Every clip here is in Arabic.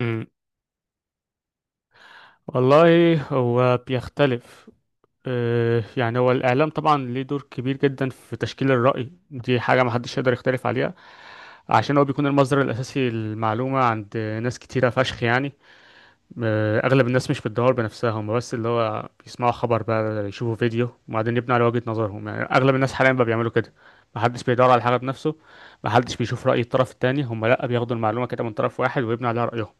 مم. والله هو بيختلف. يعني هو الإعلام طبعا ليه دور كبير جدا في تشكيل الرأي، دي حاجة محدش يقدر يختلف عليها، عشان هو بيكون المصدر الأساسي للمعلومة عند ناس كتيرة فشخ أغلب الناس مش بتدور بنفسها، هم بس اللي هو بيسمعوا خبر بقى يشوفوا فيديو وبعدين يبنوا على وجهة نظرهم، يعني أغلب الناس حاليا بقى بيعملوا كده، محدش بيدور على حاجة بنفسه، محدش بيشوف رأي الطرف التاني، هم لأ بياخدوا المعلومة كده من طرف واحد ويبنوا عليها رأيهم.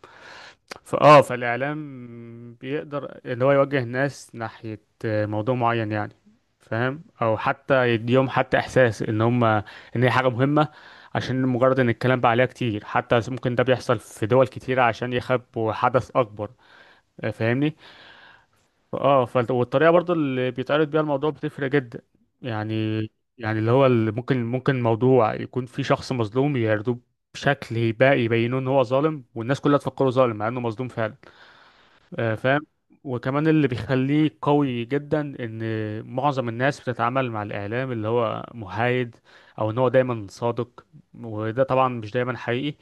فالاعلام بيقدر اللي هو يوجه الناس ناحية موضوع معين، يعني فاهم، او حتى يديهم حتى احساس ان هم ان هي حاجة مهمة، عشان مجرد ان الكلام بقى عليها كتير، حتى ممكن ده بيحصل في دول كتيرة عشان يخبوا حدث اكبر، فاهمني. والطريقة برضو اللي بيتعرض بيها الموضوع بتفرق جدا يعني. يعني اللي هو اللي ممكن ممكن موضوع يكون في شخص مظلوم يعرضوه بشكل يبقى يبينوه ان هو ظالم، والناس كلها تفكره ظالم مع انه مظلوم فعلا، فاهم. وكمان اللي بيخليه قوي جدا ان معظم الناس بتتعامل مع الاعلام اللي هو محايد، او ان هو دايما صادق، وده طبعا مش دايما حقيقي.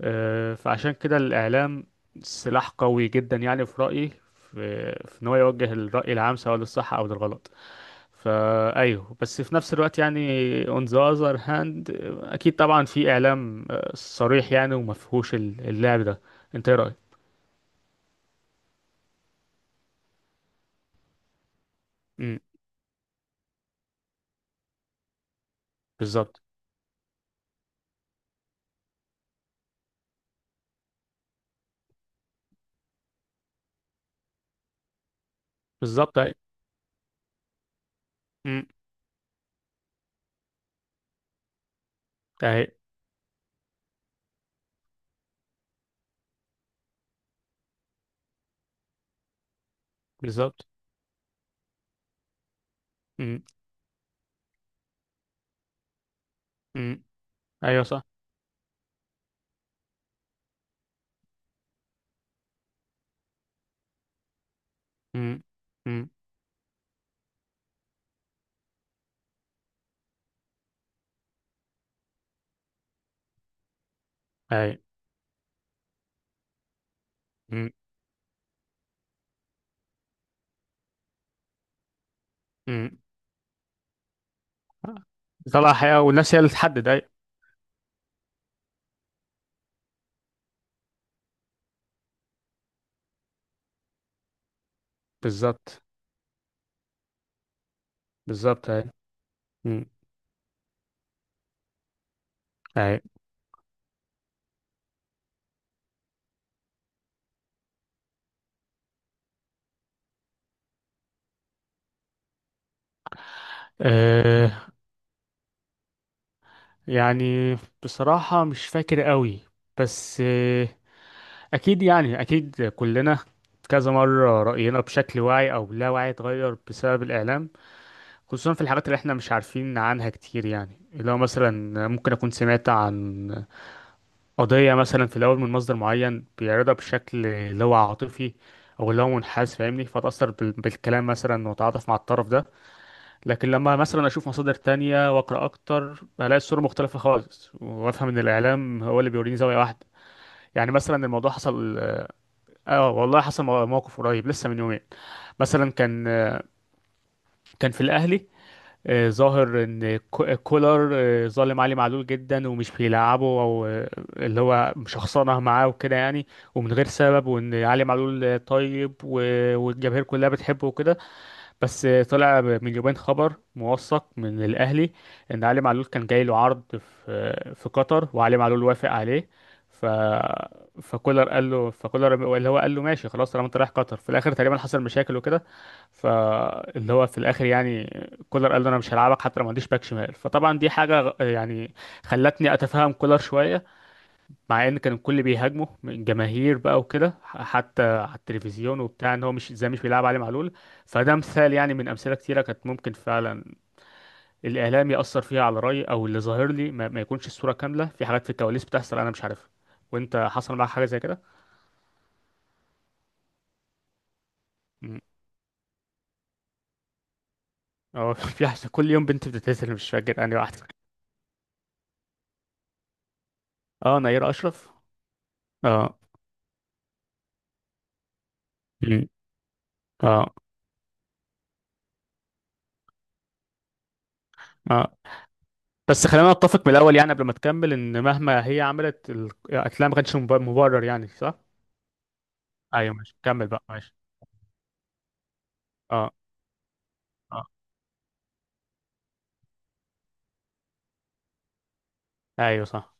فعشان كده الاعلام سلاح قوي جدا يعني، في رايي، في ان هو يوجه الراي العام سواء للصح او للغلط. فايوه، بس في نفس الوقت يعني on the other hand، اكيد طبعا في اعلام صريح يعني ومفهوش اللعب ده. انت ايه رايك؟ امم. بالظبط. بالظبط. أيوة. اهي. بالظبط. مم. مم. ايوه صح. مم. مم. اهي. مم. مم. طلع حقيقة والناس هي اللي تحدد. اي بالظبط. بالظبط. اهي. مم. اهي. أه، يعني بصراحة مش فاكر قوي، بس آه، اكيد يعني، كلنا كذا مرة رأينا بشكل واعي أو لا واعي اتغير بسبب الإعلام، خصوصا في الحاجات اللي احنا مش عارفين عنها كتير. يعني اللي هو مثلا ممكن أكون سمعت عن قضية مثلا في الأول من مصدر معين بيعرضها بشكل اللي هو عاطفي، أو اللي هو منحاز، فاهمني، بالكلام مثلا، وأتعاطف مع الطرف ده. لكن لما مثلا أشوف مصادر تانية وأقرأ أكتر، بلاقي الصورة مختلفة خالص، وأفهم إن الإعلام هو اللي بيوريني زاوية واحدة. يعني مثلا الموضوع حصل، آه والله حصل موقف قريب لسه من يومين. مثلا كان كان في الأهلي، ظاهر ان كولر ظالم علي معلول جدا ومش بيلعبه، او اللي هو مشخصنه معاه وكده يعني، ومن غير سبب، وان علي معلول طيب، والجماهير كلها بتحبه وكده. بس طلع من يومين خبر موثق من الأهلي، إن علي معلول كان جاي له عرض في قطر، وعلي معلول وافق عليه. ف فكولر قال له فكولر اللي هو قال له ماشي خلاص طالما انت رايح قطر في الآخر، تقريبا حصل مشاكل وكده. فاللي هو في الآخر يعني كولر قال له أنا مش هلعبك حتى لو ما عنديش باك شمال. فطبعا دي حاجة يعني خلتني أتفهم كولر شوية، مع ان كان الكل بيهاجمه من الجماهير بقى وكده، حتى على التلفزيون وبتاع، ان هو مش بيلعب علي معلول. فده مثال يعني من امثله كتيره كانت ممكن فعلا الاعلام ياثر فيها على رايي، او اللي ظاهر لي ما يكونش الصوره كامله، في حاجات في الكواليس بتحصل انا مش عارفها. وانت حصل معاك حاجه زي كده؟ مم. اه في حاجة كل يوم بنت بتتقتل، مش فاكر انهي واحده. اه، نيره اشرف. اه. مم. اه. اه، بس خلينا نتفق من الاول يعني قبل ما تكمل، ان مهما هي عملت القتلها ما كانش مبرر، يعني صح؟ ايوه ماشي، كمل بقى، ماشي. اه. اه. ايوه صح.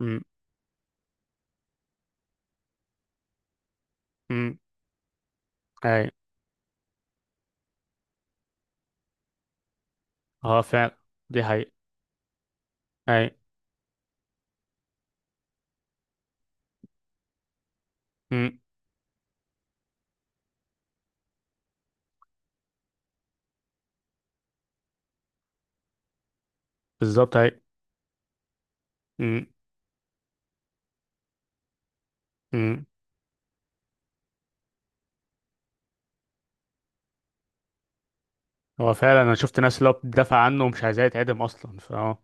امم. امم. ايوه. اه فعلا. دي حقيقة. ايوه. امم. بالظبط ايوه. امم. امم. هو فعلا انا شفت ناس اللي هو بتدافع عنه ومش عايزاه يتعدم اصلا، فاه.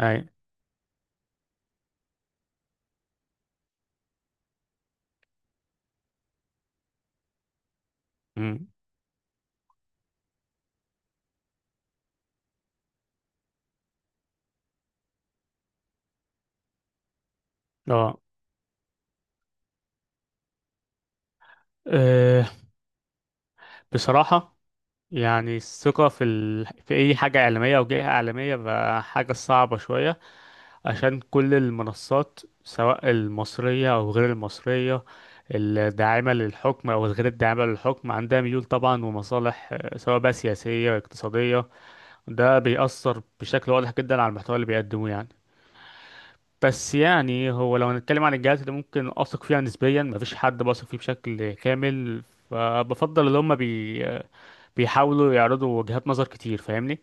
ايوه. امم. اه. آه، بصراحة يعني، الثقة في ال... في أي حاجة إعلامية أو جهة إعلامية بقى حاجة صعبة شوية، عشان كل المنصات سواء المصرية أو غير المصرية، الداعمة للحكم أو الغير الداعمة للحكم، عندها ميول طبعا ومصالح، سواء بقى سياسية اقتصادية. ده بيأثر بشكل واضح جدا على المحتوى اللي بيقدموه يعني. بس يعني هو لو هنتكلم عن الجهات اللي ممكن أثق فيها نسبيا، مفيش حد بثق فيه بشكل كامل. فبفضل اللي هم بي بيحاولوا يعرضوا وجهات نظر كتير، فاهمني،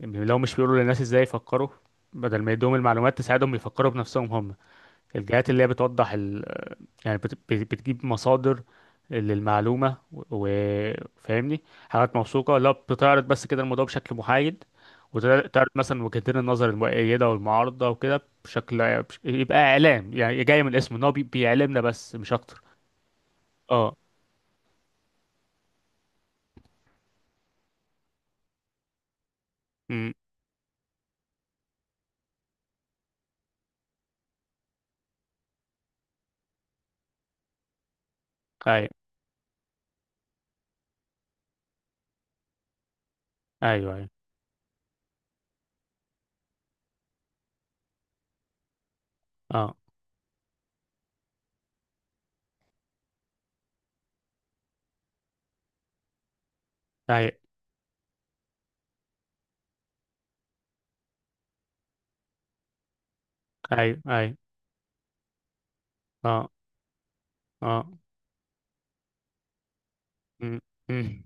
لو مش بيقولوا للناس ازاي يفكروا، بدل ما يدوهم المعلومات تساعدهم يفكروا بنفسهم هم. الجهات اللي هي بتوضح ال... يعني بتجيب مصادر للمعلومة، وفاهمني، حاجات موثوقة، لا بتعرض بس كده الموضوع بشكل محايد، وتعرض مثلا وجهتين النظر المؤيدة والمعارضة وكده، يبقى إعلام يعني جاي من الاسم، إن هو بيعلمنا بس مش أكتر. اه. امم. أيوه. أيوه. أيوه. اه. أيوه. أيوه. أيوه. اه. اه. م- م.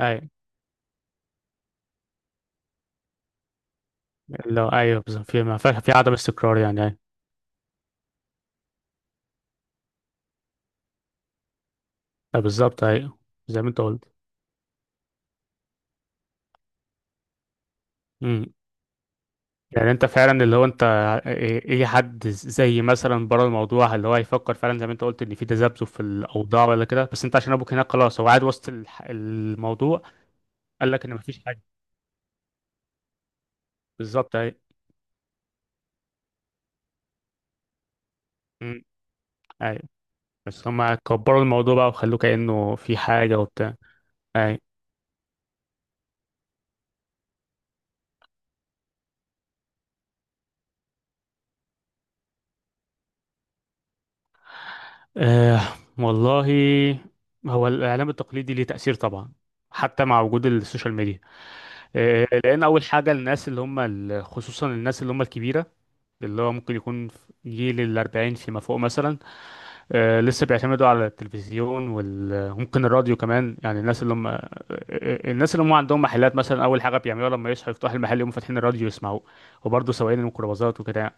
ايوه. لو ايوه بالظبط، في ما فيها في عدم استقرار، يعني ايوه. بالظبط ايوه. زي ما انت قلت. م. يعني انت فعلا اللي هو انت ايه، إيه حد زي مثلا بره الموضوع اللي هو يفكر فعلا زي ما انت قلت ان في تذبذب في الاوضاع ولا كده، بس انت عشان ابوك هناك خلاص هو قاعد وسط الموضوع، قال لك ان مفيش حاجه. بالظبط ايوه. م. ايوه. بس هم كبروا الموضوع بقى وخلوه كانه في حاجه وبتاع. ايوه. آه والله، هو الإعلام التقليدي ليه تأثير طبعا، حتى مع وجود السوشيال ميديا. آه، لأن أول حاجة الناس اللي هم ال- خصوصا الناس اللي هم الكبيرة، اللي هو ممكن يكون في جيل الأربعين فيما فوق مثلا، لسه بيعتمدوا على التلفزيون وممكن الراديو كمان، يعني الناس اللي هم الناس اللي هم عندهم محلات مثلا، اول حاجه بيعملوها لما يصحوا يفتحوا المحل يقوموا فاتحين الراديو يسمعوه، وبرضه سواقين الميكروباصات وكده يعني.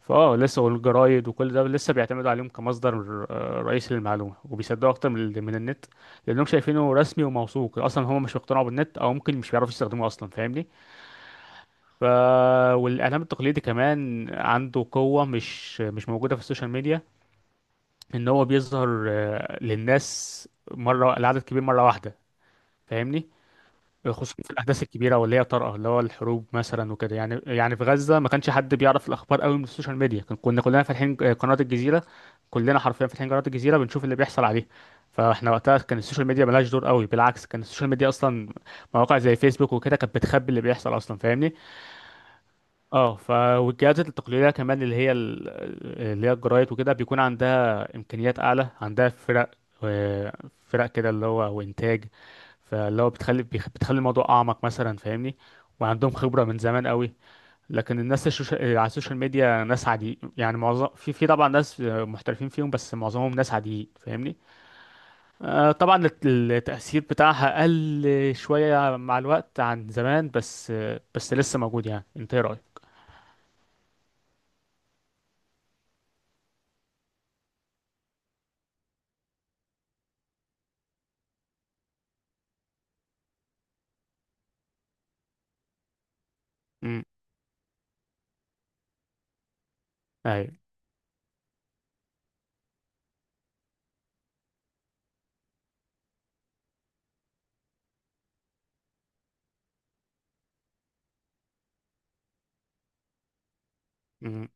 لسه والجرايد وكل ده لسه بيعتمدوا عليهم كمصدر رئيسي للمعلومه، وبيصدقوا اكتر من النت، لانهم شايفينه رسمي وموثوق، اصلا هم مش مقتنعوا بالنت او ممكن مش بيعرفوا يستخدموه اصلا، فاهمني. ف والاعلام التقليدي كمان عنده قوه مش موجوده في السوشيال ميديا، ان هو بيظهر للناس مره لعدد كبير مره واحده، فاهمني، خصوصا في الاحداث الكبيره واللي هي طارئه، اللي هو الحروب مثلا وكده يعني. يعني في غزه ما كانش حد بيعرف الاخبار قوي من السوشيال ميديا، كنا كلنا فاتحين قناه الجزيره، كلنا حرفيا فاتحين قناه الجزيره بنشوف اللي بيحصل عليه. فاحنا وقتها كان السوشيال ميديا ملهاش دور قوي، بالعكس كان السوشيال ميديا اصلا مواقع زي فيسبوك وكده كانت بتخبي اللي بيحصل اصلا، فاهمني. اه والجهات التقليديه كمان، اللي هي ال- اللي هي الجرايد وكده، بيكون عندها امكانيات اعلى، عندها فرق و- فرق كده اللي هو وانتاج، فاللي هو بتخلي الموضوع اعمق مثلا، فاهمني، وعندهم خبره من زمان قوي. لكن الناس على السوشيال ميديا ناس عادي يعني، معظم في طبعا ناس محترفين فيهم بس معظمهم ناس عاديين، فاهمني. طبعا التأثير بتاعها قل شوية مع الوقت عن زمان، بس بس لسه موجود يعني. انت ايه رأيك؟ امم. مم.